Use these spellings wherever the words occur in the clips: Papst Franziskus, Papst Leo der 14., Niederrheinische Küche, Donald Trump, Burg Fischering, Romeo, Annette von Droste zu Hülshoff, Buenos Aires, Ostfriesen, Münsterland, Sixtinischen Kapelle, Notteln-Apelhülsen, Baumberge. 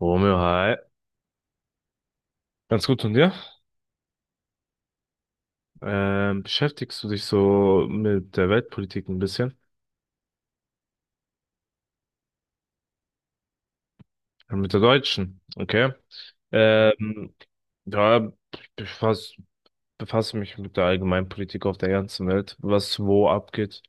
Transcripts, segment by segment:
Romeo, hi. Ganz gut und dir? Beschäftigst du dich so mit der Weltpolitik ein bisschen? Ja, mit der deutschen, okay? Ähm, ja, ich befass, befasse mich mit der Allgemeinpolitik auf der ganzen Welt, was wo abgeht.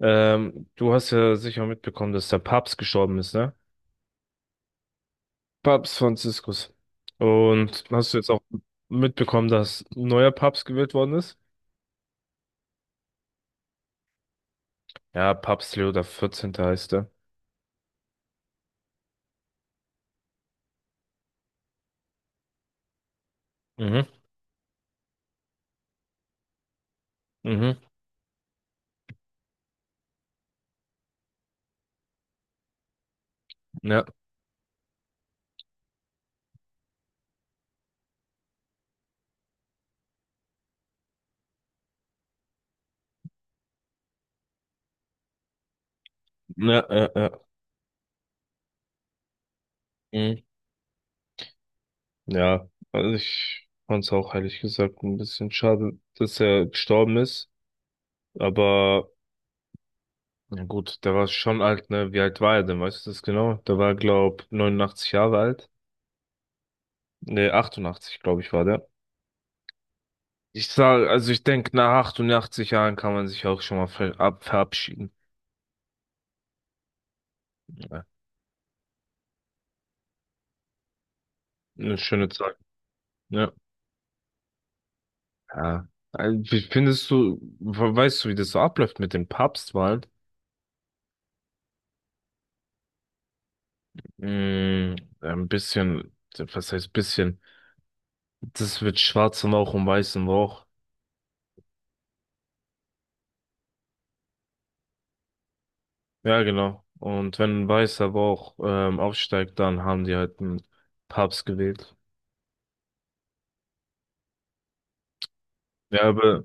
Du hast ja sicher mitbekommen, dass der Papst gestorben ist, ne? Papst Franziskus. Und hast du jetzt auch mitbekommen, dass ein neuer Papst gewählt worden ist? Ja, Papst Leo der 14. heißt er. Mhm, mhm, ja, ja, ja, ja. Mhm. Ja, also ich fand's auch ehrlich gesagt ein bisschen schade, dass er gestorben ist. Aber na gut, der war schon alt, ne? Wie alt war er denn? Weißt du das genau? Der war, glaub, 89 Jahre alt. Ne, 88, glaube ich, war der. Ich sag, also ich denke, nach 88 Jahren kann man sich auch schon mal verabschieden. Ja. Eine schöne Zeit. Ja. Ja. Also, wie findest du, weißt du, wie das so abläuft mit den Papstwahlen? Mm, ein bisschen, was heißt bisschen? Das wird schwarzem Rauch und weißem Rauch. Ja, genau. Und wenn ein weißer Rauch aufsteigt, dann haben die halt einen Papst gewählt. Ja, aber,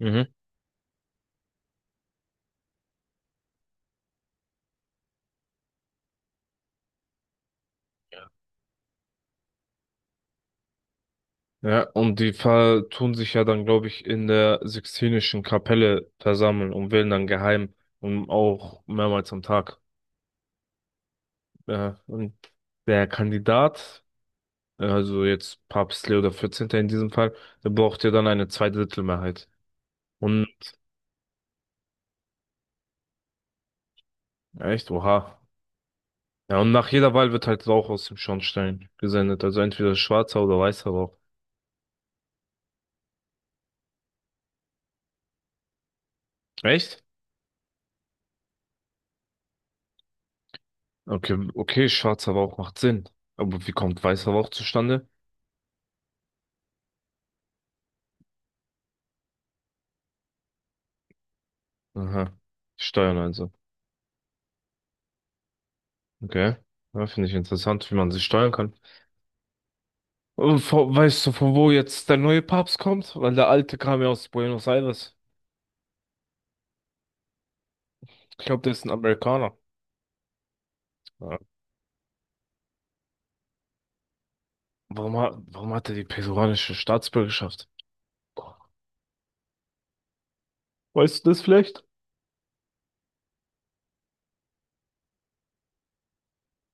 mhm. Ja, und die ver tun sich ja dann, glaube ich, in der Sixtinischen Kapelle versammeln und wählen dann geheim und auch mehrmals am Tag. Ja, und der Kandidat, also jetzt Papst Leo der vierzehnte in diesem Fall, der braucht ja dann eine Zweidrittelmehrheit. Und echt, oha. Ja, und nach jeder Wahl wird halt Rauch aus dem Schornstein gesendet. Also entweder schwarzer oder weißer Rauch. Echt? Okay, okay, schwarzer Rauch macht Sinn. Aber wie kommt weißer Rauch zustande? Aha. Steuern also. Okay. Ja, finde ich interessant, wie man sie steuern kann. Und weißt du, von wo jetzt der neue Papst kommt? Weil der alte kam ja aus Buenos Aires. Ich glaube, der ist ein Amerikaner. Ja. Warum hat er die peruanische Staatsbürgerschaft? Weißt du das vielleicht?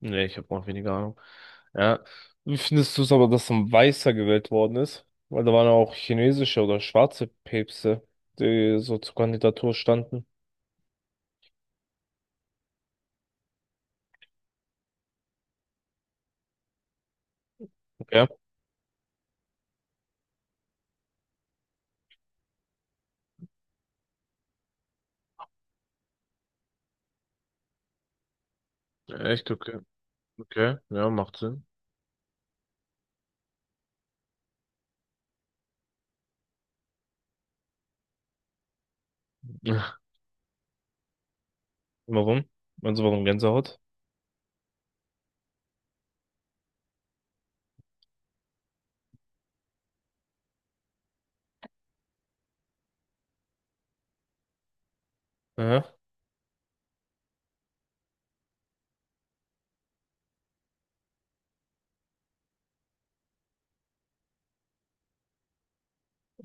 Nee, ich habe auch weniger Ahnung. Ja. Wie findest du es aber, dass so ein Weißer gewählt worden ist? Weil da waren ja auch chinesische oder schwarze Päpste, die so zur Kandidatur standen. Ja, echt? Okay. Okay. Ja, macht Sinn. Warum? Also warum Gänsehaut? Aha.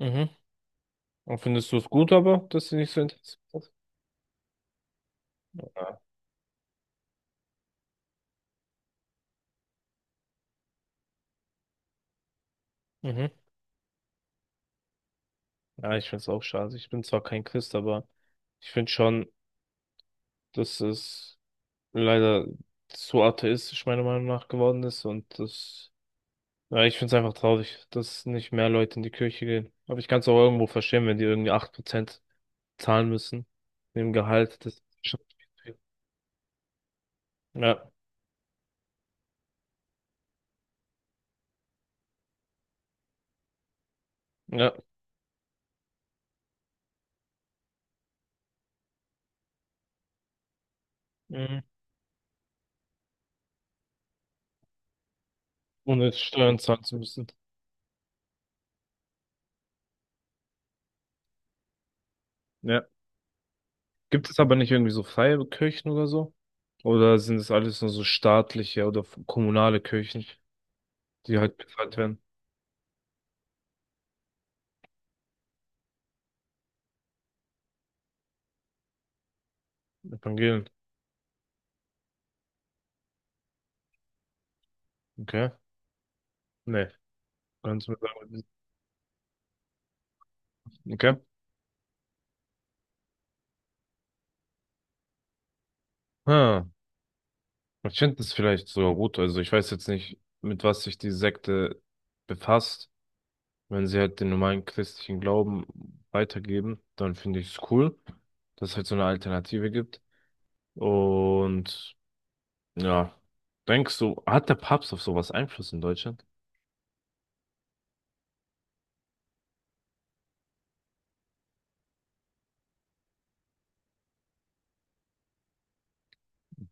Mhm. Und findest du es gut aber, dass sie nicht so interessiert ist? Ja. Mhm. Ja, ich find's auch schade. Ich bin zwar kein Christ, aber ich finde schon, dass es leider zu atheistisch meiner Meinung nach geworden ist. Und das, ja, ich finde es einfach traurig, dass nicht mehr Leute in die Kirche gehen. Aber ich kann es auch irgendwo verstehen, wenn die irgendwie 8% zahlen müssen. Dem Gehalt. Das ist schon viel. Ja, ja. Mhm. Ohne Steuern zahlen zu müssen. Ja. Gibt es aber nicht irgendwie so freie Kirchen oder so? Oder sind es alles nur so staatliche oder kommunale Kirchen, die halt bezahlt werden? Evangelien. Okay. Nee. Kannst du mir sagen, was das ist? Okay. Ah. Ich finde es vielleicht sogar gut. Also ich weiß jetzt nicht, mit was sich die Sekte befasst. Wenn sie halt den normalen christlichen Glauben weitergeben, dann finde ich es cool, dass es halt so eine Alternative gibt. Und ja, denkst du, hat der Papst auf sowas Einfluss in Deutschland?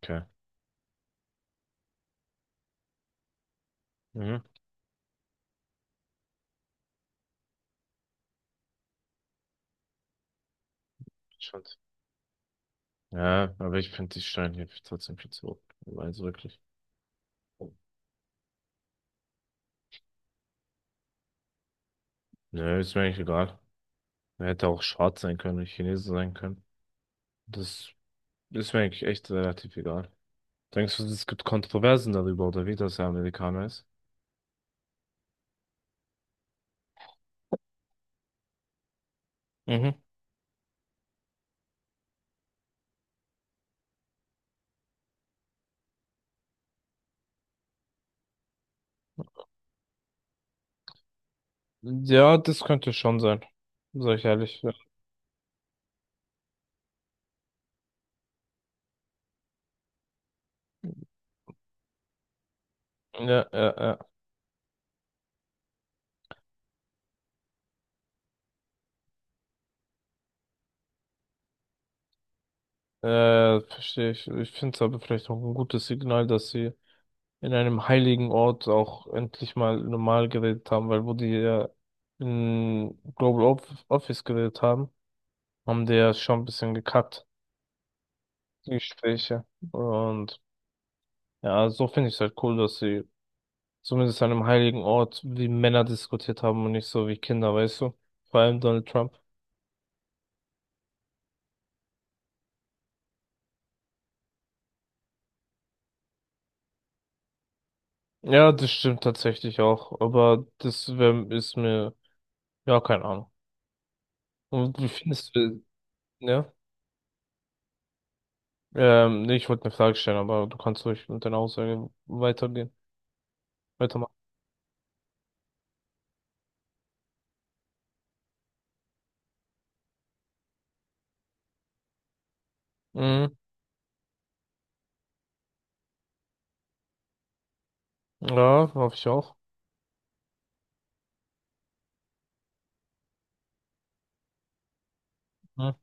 Okay. Mhm. Spannend. Ja, aber ich finde die Steinhilfe trotzdem viel zu hoch. Also wirklich. Nö, ist mir eigentlich egal. Er hätte auch schwarz sein können, oder Chinese sein können. Das ist mir eigentlich echt relativ egal. Denkst du, es gibt Kontroversen darüber, oder wie, dass er Amerikaner ist? Mhm. Ja, das könnte schon sein. Sag ich ehrlich. Ja. Ja, ja, ja. Verstehe ich. Ich finde es aber vielleicht auch ein gutes Signal, dass sie in einem heiligen Ort auch endlich mal normal geredet haben, weil wo die ja in Office geredet haben, haben die ja schon ein bisschen gekackt, die Gespräche. Und ja, so finde ich es halt cool, dass sie zumindest an einem heiligen Ort, wie Männer diskutiert haben und nicht so wie Kinder, weißt du? Vor allem Donald Trump. Ja, das stimmt tatsächlich auch, aber ist mir, ja, keine Ahnung. Und wie findest du, ja? Nee, ich wollte eine Frage stellen, aber du kannst ruhig mit deiner Aussage weitermachen. Mhm. Ja, hoffe ich auch. Mhm.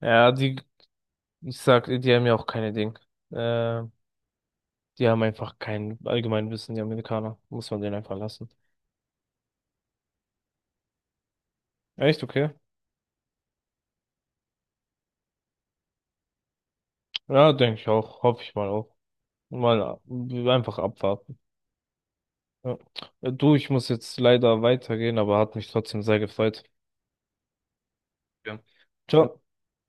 Ja, die, ich sag, die haben ja auch keine Ding. Äh, die haben einfach kein Allgemeinwissen, die Amerikaner. Muss man denen einfach lassen. Echt, okay? Ja, denke ich auch. Hoffe ich mal auch. Mal einfach abwarten. Ja. Du, ich muss jetzt leider weitergehen, aber hat mich trotzdem sehr gefreut. Ja. Ciao.